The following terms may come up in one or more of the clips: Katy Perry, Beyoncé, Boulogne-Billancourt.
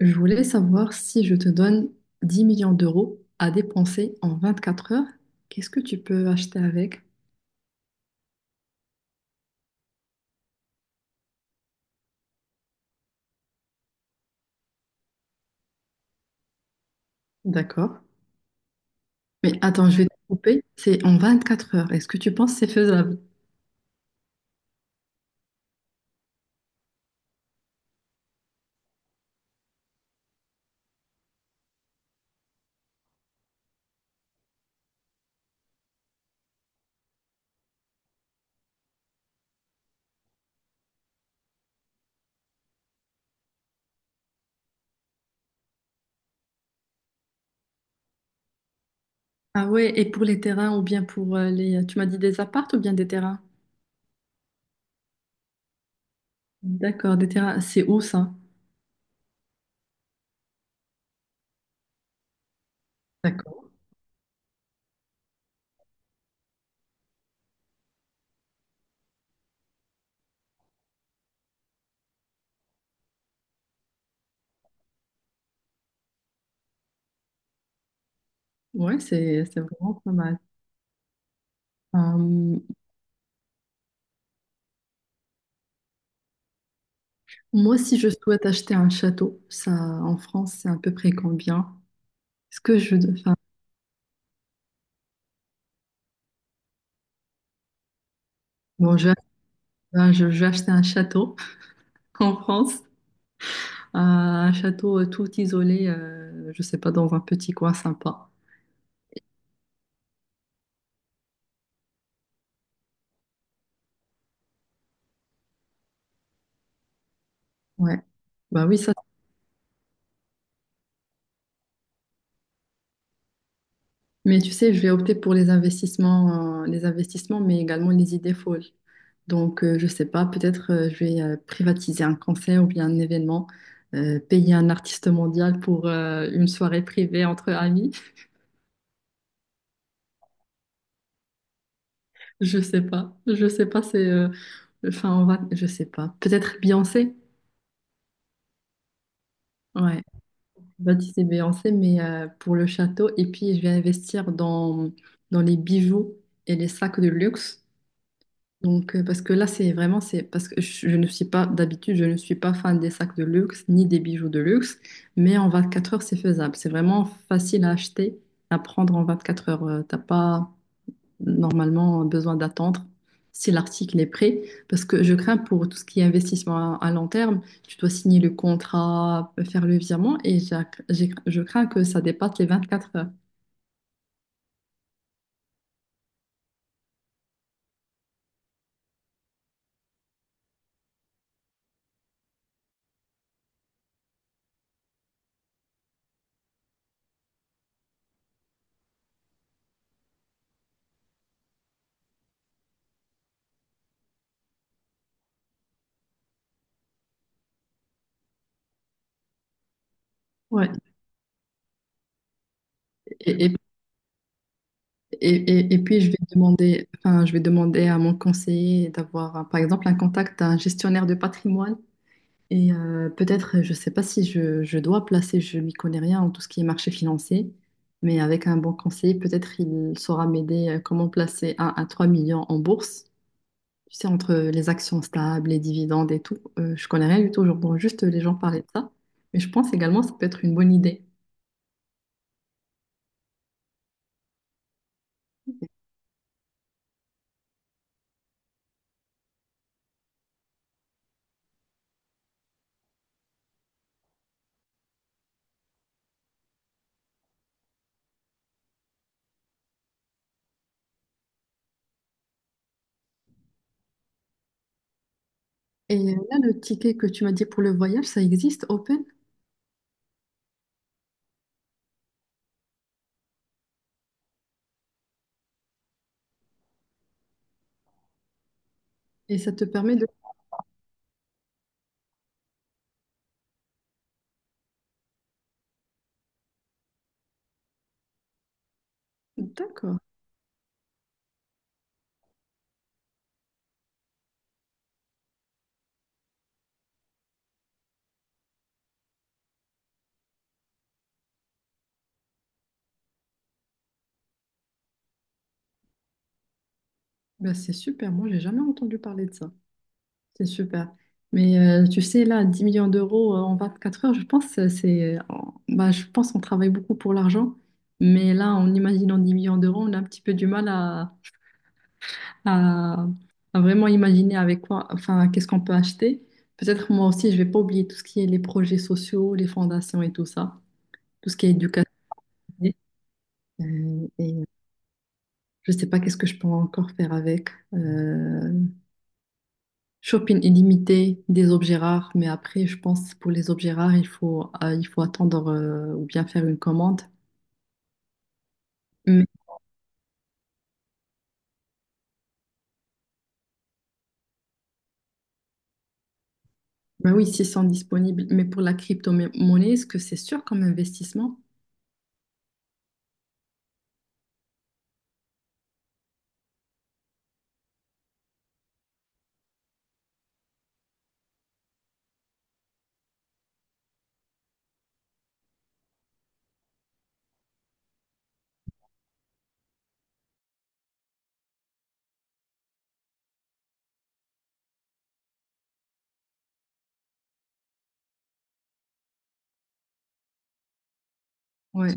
Je voulais savoir, si je te donne 10 millions d'euros à dépenser en 24 heures, qu'est-ce que tu peux acheter avec? D'accord. Mais attends, je vais te couper. C'est en 24 heures. Est-ce que tu penses que c'est faisable? Ah ouais, et pour les terrains ou bien pour les... Tu m'as dit des appartes ou bien des terrains? D'accord, des terrains. C'est où ça? D'accord. Ouais, c'est vraiment pas mal. Euh, Moi, si je souhaite acheter un château, ça, en France, c'est à peu près combien? Est-ce que je... Enfin, bon, je vais acheter un château en France, un château tout isolé, je sais pas, dans un petit coin sympa. Ouais. Bah oui, ça. Mais tu sais, je vais opter pour les investissements, les investissements, mais également les idées folles. Donc, je sais pas, peut-être je vais privatiser un concert ou bien un événement, payer un artiste mondial pour une soirée privée entre amis. Je sais pas. Je sais pas, c'est. Enfin, on va. Je sais pas. Peut-être Beyoncé. Ouais. C'est Beyoncé, mais pour le château. Et puis, je vais investir dans les bijoux et les sacs de luxe. Donc, parce que là, c'est vraiment, c'est parce que je ne suis pas, d'habitude, je ne suis pas fan des sacs de luxe ni des bijoux de luxe, mais en 24 heures, c'est faisable. C'est vraiment facile à acheter, à prendre en 24 heures. T'as pas, normalement, besoin d'attendre si l'article est prêt, parce que je crains pour tout ce qui est investissement à long terme, tu dois signer le contrat, faire le virement, et je crains que ça dépasse les 24 heures. Ouais. Et, et, et, et puis je vais demander, enfin, je vais demander à mon conseiller d'avoir, par exemple, un contact d'un gestionnaire de patrimoine. Et peut-être, je ne sais pas si je dois placer, je n'y connais rien en tout ce qui est marché financier, mais avec un bon conseiller, peut-être il saura m'aider comment placer 1 à 3 millions en bourse. Tu sais, entre les actions stables, les dividendes et tout, je connais rien du tout, j'entends juste les gens parler de ça. Mais je pense également que ça peut être une bonne idée. Et là, le ticket que tu m'as dit pour le voyage, ça existe, Open, et ça te permet de... D'accord, ben, c'est super, moi j'ai jamais entendu parler de ça. C'est super. Mais tu sais, là, 10 millions d'euros en 4 heures, je pense, bah, je pense qu'on travaille beaucoup pour l'argent. Mais là, en imaginant 10 millions d'euros, on a un petit peu du mal à, à vraiment imaginer avec quoi, enfin, qu'est-ce qu'on peut acheter. Peut-être moi aussi, je vais pas oublier tout ce qui est les projets sociaux, les fondations et tout ça, tout ce qui est éducatif. Et je sais pas qu'est-ce que je peux encore faire avec. Euh, Shopping illimité, des objets rares, mais après, je pense pour les objets rares, il faut attendre ou bien faire une commande. Mais, mais oui, s'ils sont disponibles. Mais pour la crypto-monnaie, est-ce que c'est sûr comme investissement? Ouais,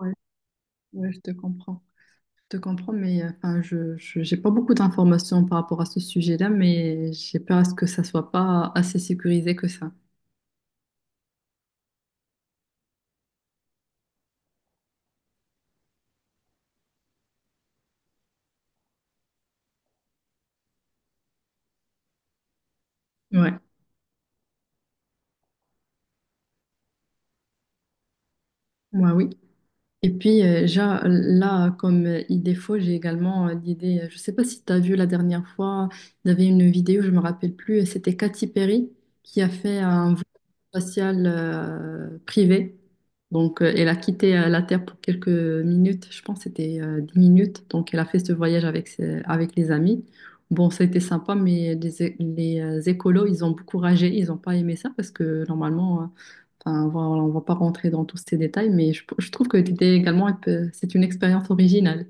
ouais, ouais, je te comprends. Je te comprends, mais enfin, j'ai pas beaucoup d'informations par rapport à ce sujet-là, mais j'ai peur à ce que ça soit pas assez sécurisé que ça. Ouais, ouais, oui. Et puis, là, comme idée faux, j'ai également l'idée, je ne sais pas si tu as vu la dernière fois, il y avait une vidéo, je ne me rappelle plus, et c'était Katy Perry qui a fait un vol spatial privé. Donc, elle a quitté la Terre pour quelques minutes, je pense que c'était 10 minutes. Donc, elle a fait ce voyage avec les amis. Bon, ça a été sympa, mais les, écolos, ils ont beaucoup ragé, ils n'ont pas aimé ça parce que normalement... enfin, voilà, on va pas rentrer dans tous ces détails, mais je trouve que l'idée également, c'est une expérience originale.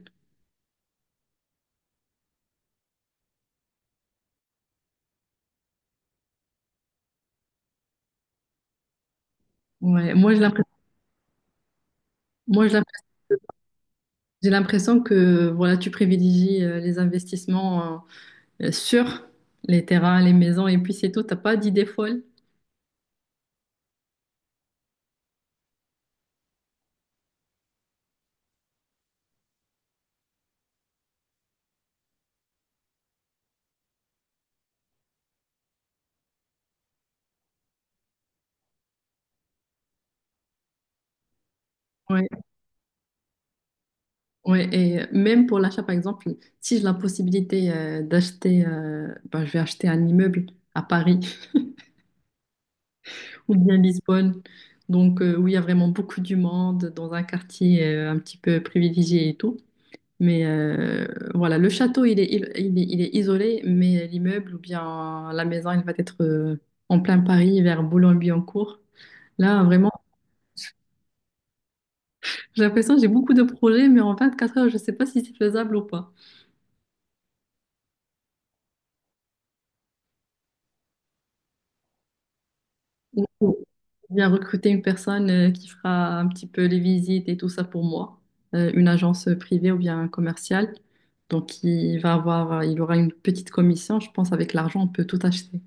Ouais, moi, j'ai l'impression, moi, je l'imp- j'ai l'impression que voilà, tu privilégies les investissements sur les terrains, les maisons, et puis c'est tout. T'as pas d'idée folle. Ouais, ouais, et même pour l'achat, par exemple, si j'ai la possibilité d'acheter, ben, je vais acheter un immeuble à Paris ou bien Lisbonne, donc où il y a vraiment beaucoup du monde, dans un quartier un petit peu privilégié et tout. Mais voilà, le château, il est isolé, mais l'immeuble ou bien la maison, il va être en plein Paris, vers Boulogne-Billancourt. Là, vraiment, j'ai l'impression que j'ai beaucoup de projets, mais en 24 heures, je ne sais pas si c'est faisable ou pas. Il faut bien recruter une personne qui fera un petit peu les visites et tout ça pour moi. Une agence privée ou bien commerciale. Donc, il aura une petite commission. Je pense avec l'argent, on peut tout acheter.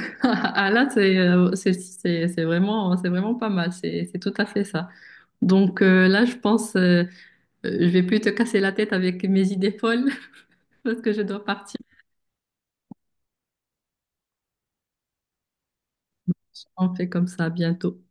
Ah là, c'est c'est vraiment pas mal, c'est tout à fait ça. Donc là, je pense, je vais plus te casser la tête avec mes idées folles parce que je dois partir. On fait comme ça bientôt.